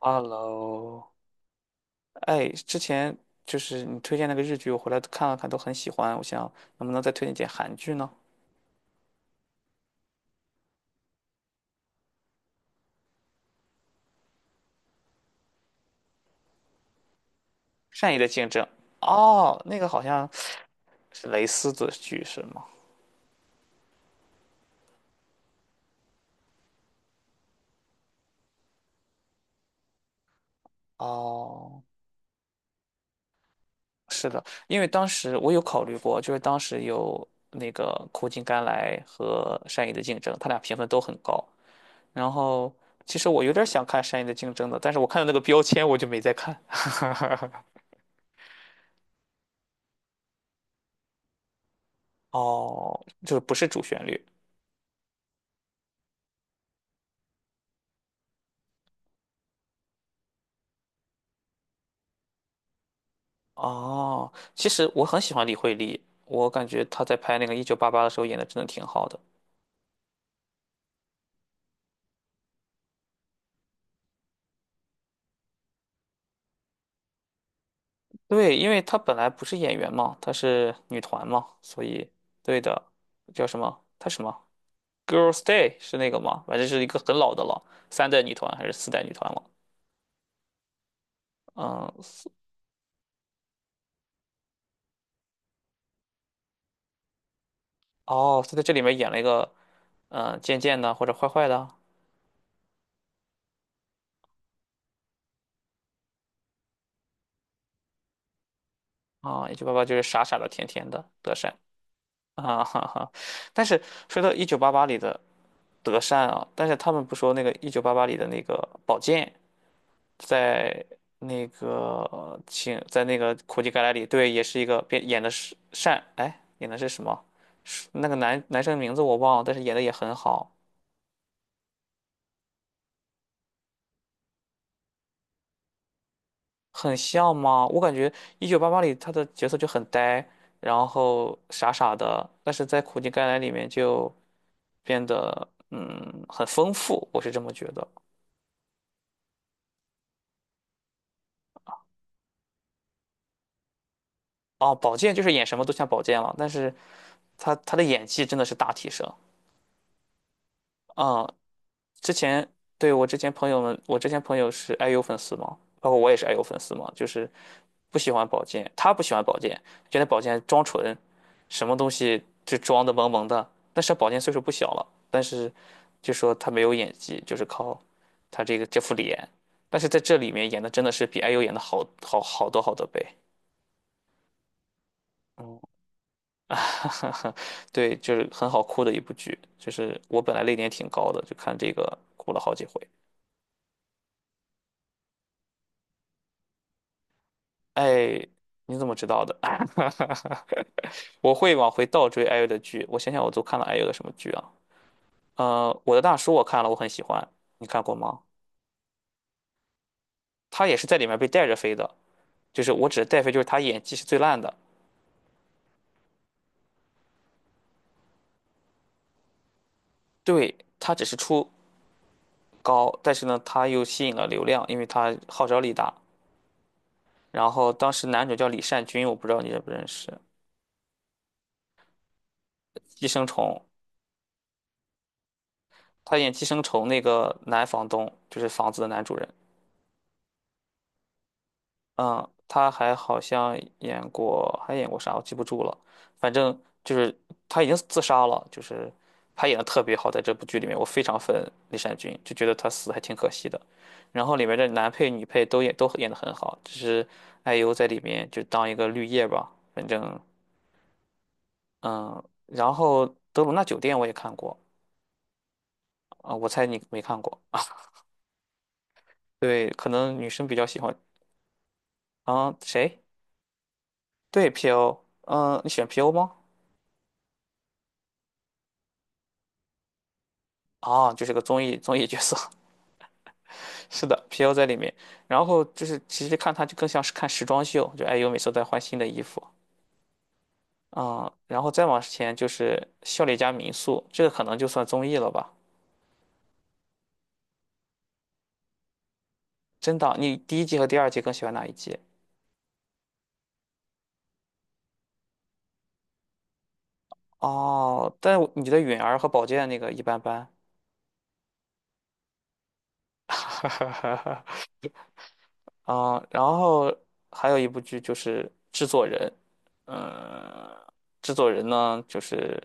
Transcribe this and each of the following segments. Hello，哎，之前就是你推荐那个日剧，我回来看了看，都很喜欢。我想能不能再推荐点韩剧呢？善意的竞争。哦，那个好像是蕾丝的剧是吗？哦，因为当时我有考虑过，就是当时有那个《苦尽甘来》和《善意的竞争》，它俩评分都很高。然后其实我有点想看《善意的竞争》的，但是我看到那个标签我就没再看。哦，就是不是主旋律。哦，其实我很喜欢李惠利，我感觉她在拍那个《一九八八》的时候演的真的挺好的。对，因为她本来不是演员嘛，她是女团嘛，所以对的。叫什么？她什么？Girls' Day 是那个吗？反正是一个很老的了，三代女团还是四代女团了？嗯，四。哦，她在这里面演了一个贱贱的或者坏坏的。啊，《一九八八》就是傻傻的、甜甜的德善。啊哈哈，但是说到《一九八八》里的德善啊，但是他们不说那个《一九八八》里的那个宝剑，在那个请在那个苦尽甘来里，对，也是一个变演的是善，哎，演的是什么？是那个男生名字我忘了，但是演的也很好。很像吗？我感觉《一九八八》里他的角色就很呆，然后傻傻的，但是在苦尽甘来里面就变得很丰富，我是这么觉得。哦，宝剑就是演什么都像宝剑了，但是他的演技真的是大提升。嗯，之前对，我之前朋友们，我之前朋友是 IU 粉丝嘛，包括我也是 IU 粉丝嘛，就是不喜欢宝剑，他不喜欢宝剑，觉得宝剑装纯，什么东西就装的萌萌的。但是宝剑岁数不小了，但是就说他没有演技，就是靠他这副脸，但是在这里面演的真的是比 IU 演的好好多倍。嗯。 啊，对，就是很好哭的一部剧，就是我本来泪点挺高的，就看这个哭了好几回。哎，你怎么知道的？我会往回倒追 IU 的剧，我想想我都看了 IU 的什么剧啊？我的大叔我看了，我很喜欢，你看过吗？他也是在里面被带着飞的，就是我指的带飞，就是他演技是最烂的。对，他只是出高，但是呢，他又吸引了流量，因为他号召力大。然后当时男主叫李善均，我不知道你认不认识。《寄生虫》。他演《寄生虫》那个男房东，就是房子的男主人。嗯，他还好像演过，还演过啥我记不住了。反正就是他已经自杀了，就是他演的特别好，在这部剧里面，我非常粉李善均，就觉得他死得还挺可惜的。然后里面的男配、女配都演得很好，只是艾优在里面就当一个绿叶吧。反正嗯，然后《德鲁纳酒店》我也看过啊。我猜你没看过，啊？对，可能女生比较喜欢。啊，谁？对，PO,嗯，你喜欢 PO 吗？啊，就是个综艺角色。是的，PO 在里面。然后就是其实看他就更像是看时装秀，就爱优每次都在换新的衣服啊、然后再往前就是《笑脸家民宿》，这个可能就算综艺了吧？真的，你第一季和第二季更喜欢哪一季？哦，但我你的允儿和宝剑那个一般般。啊，然后还有一部剧就是《制作人》。嗯，《制作人》呢，就是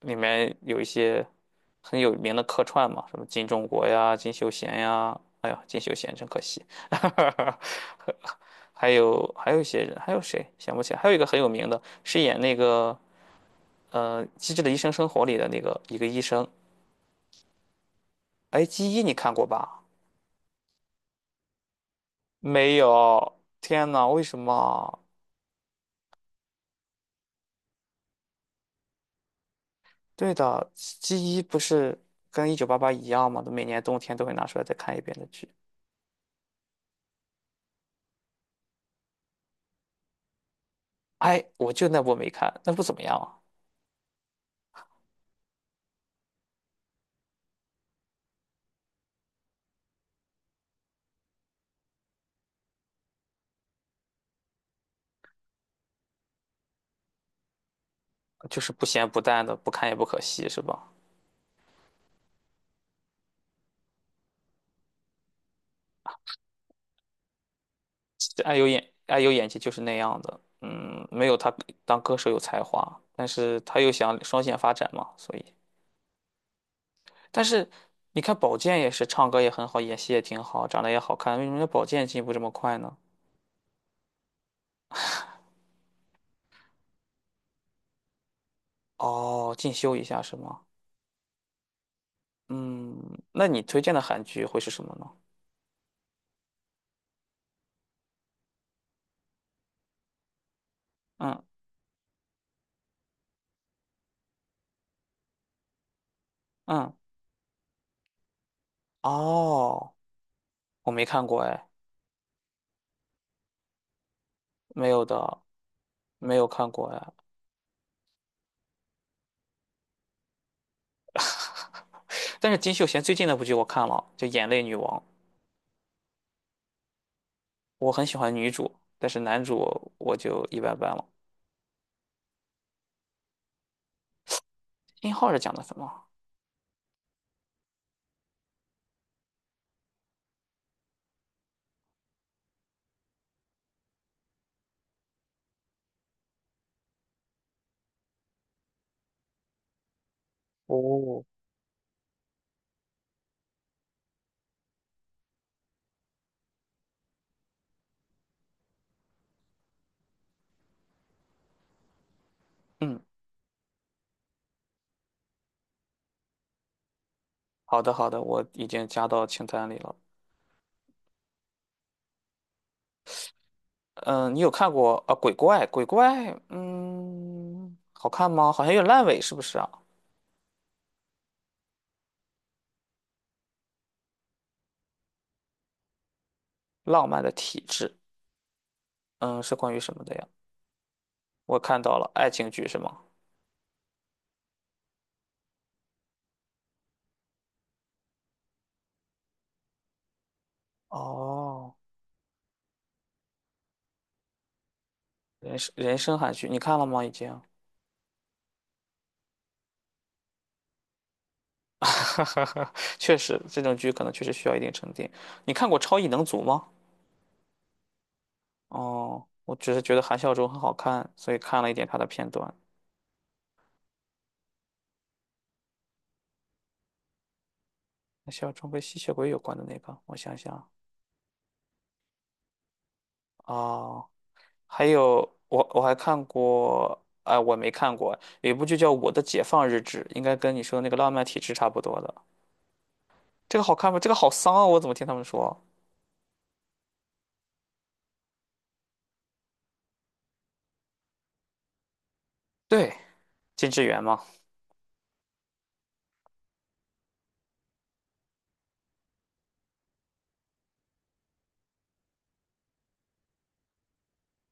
里面有一些很有名的客串嘛，什么金钟国呀、金秀贤呀，哎呀，金秀贤真可惜。还有一些人，还有谁想不起来？还有一个很有名的，是演那个《机智的医生生活》里的那个一个医生。哎，《机医》你看过吧？没有，天呐，为什么啊？对的，G 一不是跟一九八八一样吗？每年冬天都会拿出来再看一遍的剧。哎，我就那部没看，那部怎么样啊？就是不咸不淡的，不看也不可惜，是吧？爱有演技就是那样的，嗯，没有他当歌手有才华，但是他又想双线发展嘛，所以，但是你看宝剑也是唱歌也很好，演戏也挺好，长得也好看，为什么人家宝剑进步这么快呢？哦，进修一下是吗？嗯，那你推荐的韩剧会是什么呢？嗯。嗯。哦，我没看过哎，没有的，没有看过哎。但是金秀贤最近那部剧我看了，就《眼泪女王》，我很喜欢女主，但是男主我就一般般了。殷号是讲的什么？哦，嗯，好的好的，我已经加到清单里了。嗯，你有看过啊？鬼怪，鬼怪，嗯，好看吗？好像有点烂尾，是不是啊？浪漫的体质，嗯，是关于什么的呀？我看到了，爱情剧是吗？哦。人生韩剧，你看了吗？已经，确实这种剧可能确实需要一定沉淀。你看过《超异能族》吗？哦，我只是觉得韩孝周很好看，所以看了一点他的片段。韩孝周跟吸血鬼有关的那个，我想想。哦，还有我还看过，哎，我没看过，有一部剧叫《我的解放日志》，应该跟你说的那个《浪漫体质》差不多的。这个好看吗？这个好丧啊！我怎么听他们说？对，金智媛吗？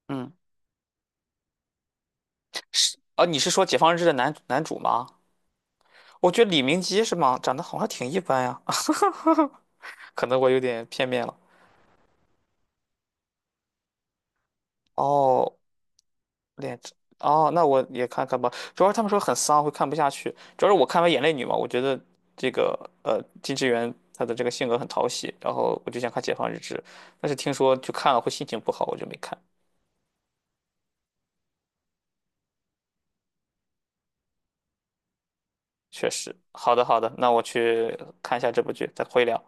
嗯，是啊，你是说《解放日志》的男男主吗？我觉得李明基是吗？长得好像挺一般呀，可能我有点片面了。哦，脸长，哦，那我也看看吧。主要是他们说很丧，会看不下去。主要是我看完《眼泪女》嘛，我觉得这个金智媛她的这个性格很讨喜，然后我就想看《解放日志》，但是听说就看了会心情不好，我就没看。确实，好的好的，那我去看一下这部剧，再会聊。